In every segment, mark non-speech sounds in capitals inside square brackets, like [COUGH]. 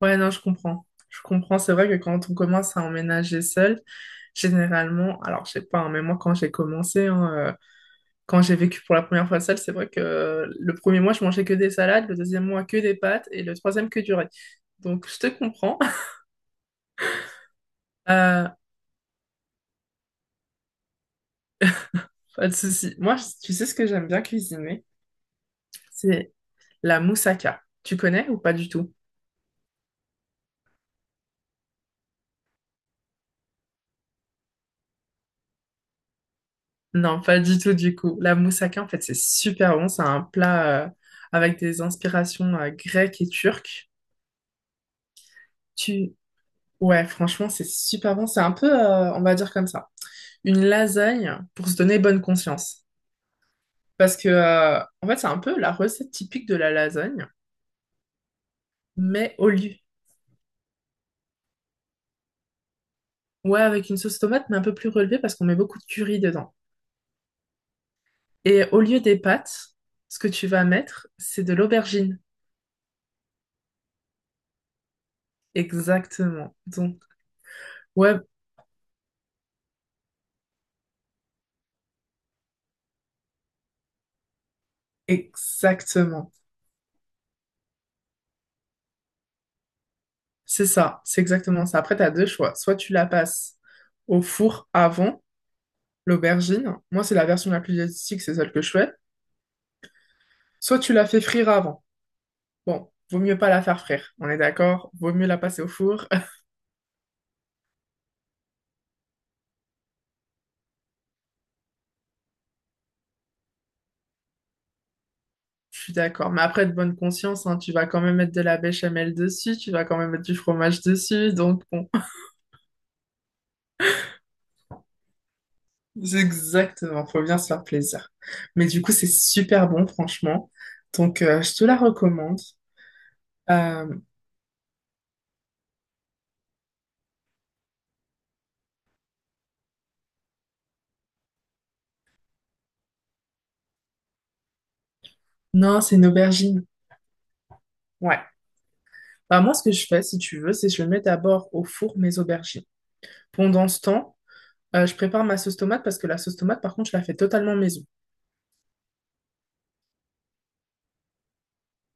Ouais, non, je comprends. Je comprends. C'est vrai que quand on commence à emménager seul, généralement, alors je sais pas, hein, mais moi quand j'ai commencé, hein, quand j'ai vécu pour la première fois seule, c'est vrai que le premier mois, je mangeais que des salades, le deuxième mois, que des pâtes et le troisième, que du riz. Donc, je te comprends. [LAUGHS] Euh, Pas de souci. Moi, tu sais ce que j'aime bien cuisiner? C'est la moussaka. Tu connais ou pas du tout? Non, pas du tout, du coup. La moussaka, en fait, c'est super bon. C'est un plat avec des inspirations grecques et turques. Ouais, franchement, c'est super bon. C'est un peu, on va dire comme ça, une lasagne pour se donner bonne conscience. Parce que, en fait, c'est un peu la recette typique de la lasagne, mais au lieu. Ouais, avec une sauce tomate, mais un peu plus relevée parce qu'on met beaucoup de curry dedans. Et au lieu des pâtes, ce que tu vas mettre, c'est de l'aubergine. Exactement. Donc, ouais, exactement. C'est ça, c'est exactement ça. Après, tu as deux choix. Soit tu la passes au four avant l'aubergine. Moi, c'est la version la plus diététique, c'est celle que je fais. Soit tu la fais frire avant. Bon, vaut mieux pas la faire frire, on est d'accord? Vaut mieux la passer au four. [LAUGHS] Je suis d'accord. Mais après, de bonne conscience, hein, tu vas quand même mettre de la béchamel dessus, tu vas quand même mettre du fromage dessus. Donc, bon, [LAUGHS] c'est exactement, faut bien se faire plaisir. Mais du coup, c'est super bon, franchement. Donc, je te la recommande. Euh, non, c'est une aubergine. Ouais. Bah, moi, ce que je fais, si tu veux, c'est que je mets d'abord au four mes aubergines. Pendant ce temps, je prépare ma sauce tomate parce que la sauce tomate, par contre, je la fais totalement maison.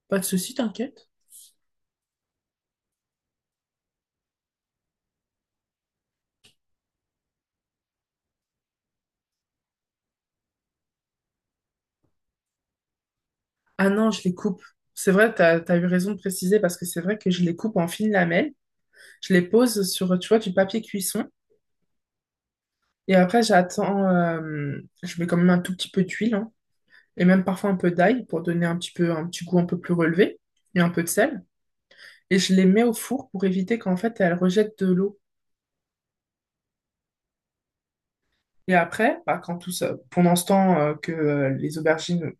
Pas de souci, t'inquiète. Ah non, je les coupe. C'est vrai, t'as eu raison de préciser parce que c'est vrai que je les coupe en fines lamelles. Je les pose sur, tu vois, du papier cuisson. Et après, j'attends, je mets quand même un tout petit peu d'huile, hein, et même parfois un peu d'ail pour donner un petit peu, un petit goût un peu plus relevé et un peu de sel. Et je les mets au four pour éviter qu'en fait, elles rejettent de l'eau. Et après, bah, quand tout ça, pendant ce temps que les aubergines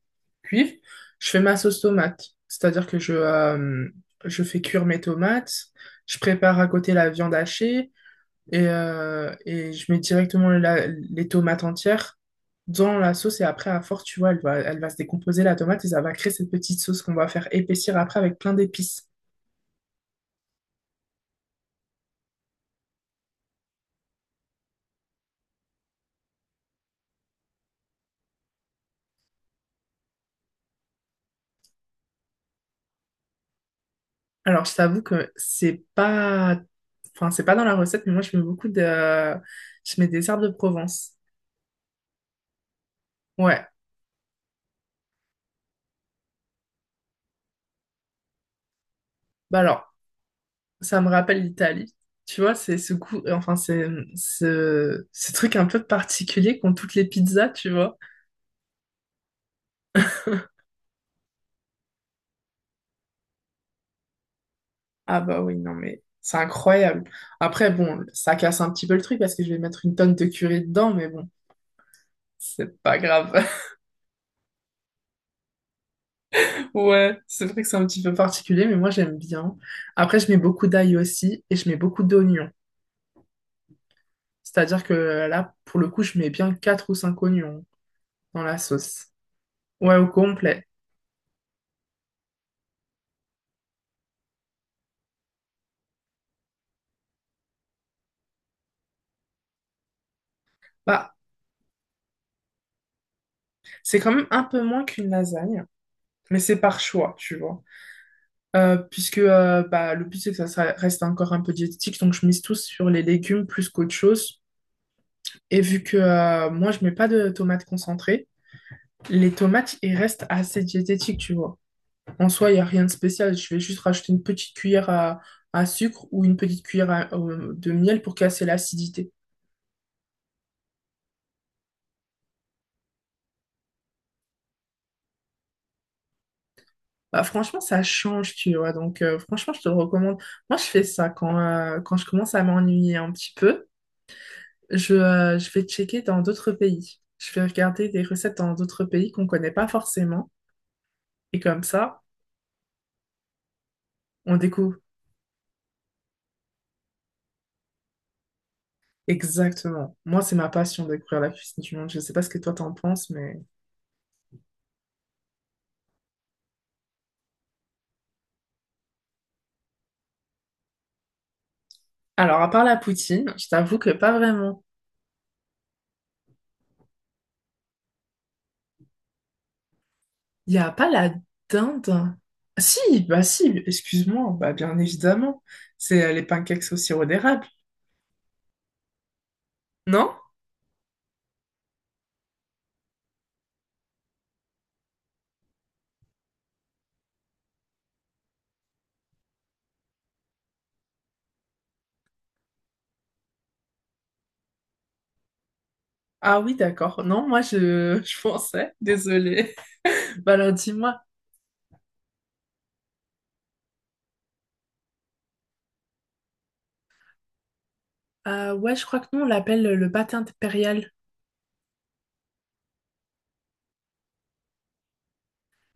cuivent, je fais ma sauce tomate. C'est-à-dire que je fais cuire mes tomates, je prépare à côté la viande hachée et, je mets directement les tomates entières dans la sauce. Et après, à force, tu vois, elle va se décomposer la tomate et ça va créer cette petite sauce qu'on va faire épaissir après avec plein d'épices. Alors, je t'avoue que c'est pas, enfin, c'est pas dans la recette, mais moi, je mets des herbes de Provence. Ouais, bah alors, ça me rappelle l'Italie. Tu vois, enfin, c'est ce truc un peu particulier qu'ont toutes les pizzas, tu vois. [LAUGHS] Ah bah oui, non mais c'est incroyable. Après, bon, ça casse un petit peu le truc parce que je vais mettre une tonne de curry dedans, mais bon, c'est pas grave. [LAUGHS] Ouais, c'est vrai que c'est un petit peu particulier, mais moi j'aime bien. Après, je mets beaucoup d'ail aussi et je mets beaucoup d'oignons. C'est-à-dire que là, pour le coup, je mets bien 4 ou 5 oignons dans la sauce. Ouais, au complet. Bah, c'est quand même un peu moins qu'une lasagne, mais c'est par choix, tu vois. Puisque bah, le but, c'est que reste encore un peu diététique, donc je mise tous sur les légumes plus qu'autre chose. Et vu que moi, je mets pas de tomates concentrées, les tomates, ils restent assez diététiques, tu vois. En soi, il n'y a rien de spécial. Je vais juste rajouter une petite cuillère à sucre ou une petite cuillère de miel pour casser l'acidité. Bah, franchement, ça change, tu vois. Donc, franchement, je te le recommande. Moi, je fais ça quand je commence à m'ennuyer un petit peu. Je vais checker dans d'autres pays. Je vais regarder des recettes dans d'autres pays qu'on connaît pas forcément. Et comme ça, on découvre. Exactement. Moi, c'est ma passion de découvrir la cuisine du monde. Je sais pas ce que toi t'en penses, mais... Alors, à part la poutine, je t'avoue que pas vraiment. Il n'y a pas la dinde. Si, bah si, excuse-moi. Bah bien évidemment. C'est les pancakes au sirop d'érable. Non? Ah oui, d'accord. Non, [LAUGHS] je pensais. Désolée. [LAUGHS] Bah alors, dis-moi. Ouais, je crois que nous, on l'appelle le pâté impérial.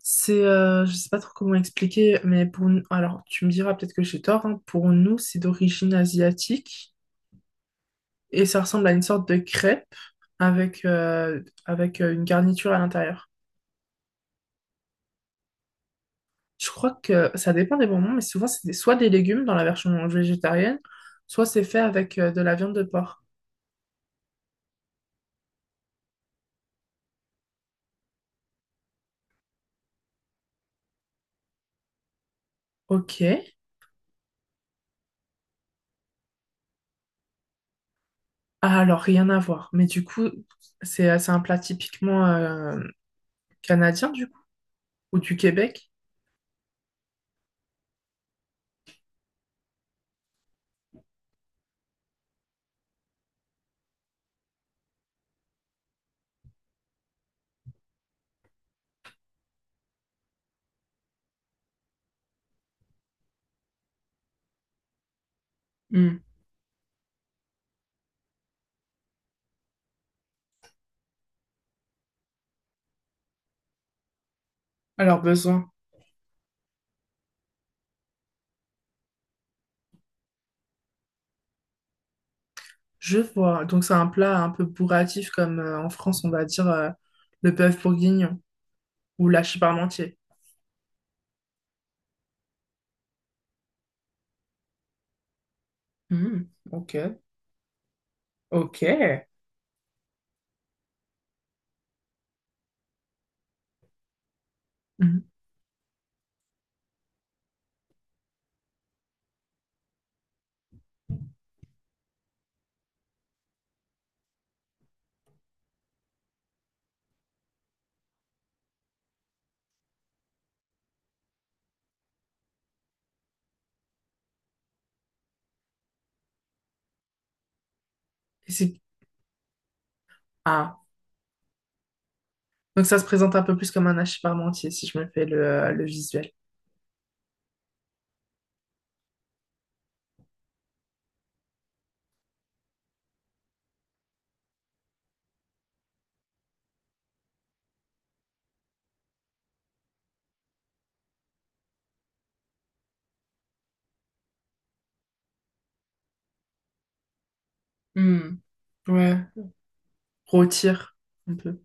C'est, je sais pas trop comment expliquer, mais pour nous, alors tu me diras peut-être que j'ai tort, hein, pour nous c'est d'origine asiatique et ça ressemble à une sorte de crêpe avec, une garniture à l'intérieur. Je crois que ça dépend des moments, mais souvent soit des légumes dans la version végétarienne, soit c'est fait avec de la viande de porc. Ok, ah, alors rien à voir, mais du coup c'est un plat typiquement canadien du coup, ou du Québec. Hmm. Alors besoin. Je vois. Donc c'est un plat un peu bourratif comme en France on va dire le bœuf bourguignon ou la parmentier. Hmm, ok, ok. Mhm. Et c'est- ah. Donc ça se présente un peu plus comme un hachis parmentier si je me fais le visuel. Hmm, ouais. Rôtir un peu.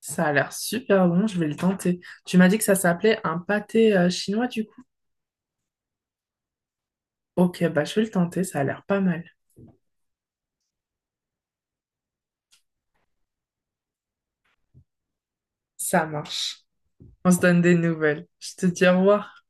Ça a l'air super bon, je vais le tenter. Tu m'as dit que ça s'appelait un pâté chinois du coup. Ok, bah je vais le tenter, ça a l'air pas mal. Ça marche. On se donne des nouvelles. Je te dis au revoir.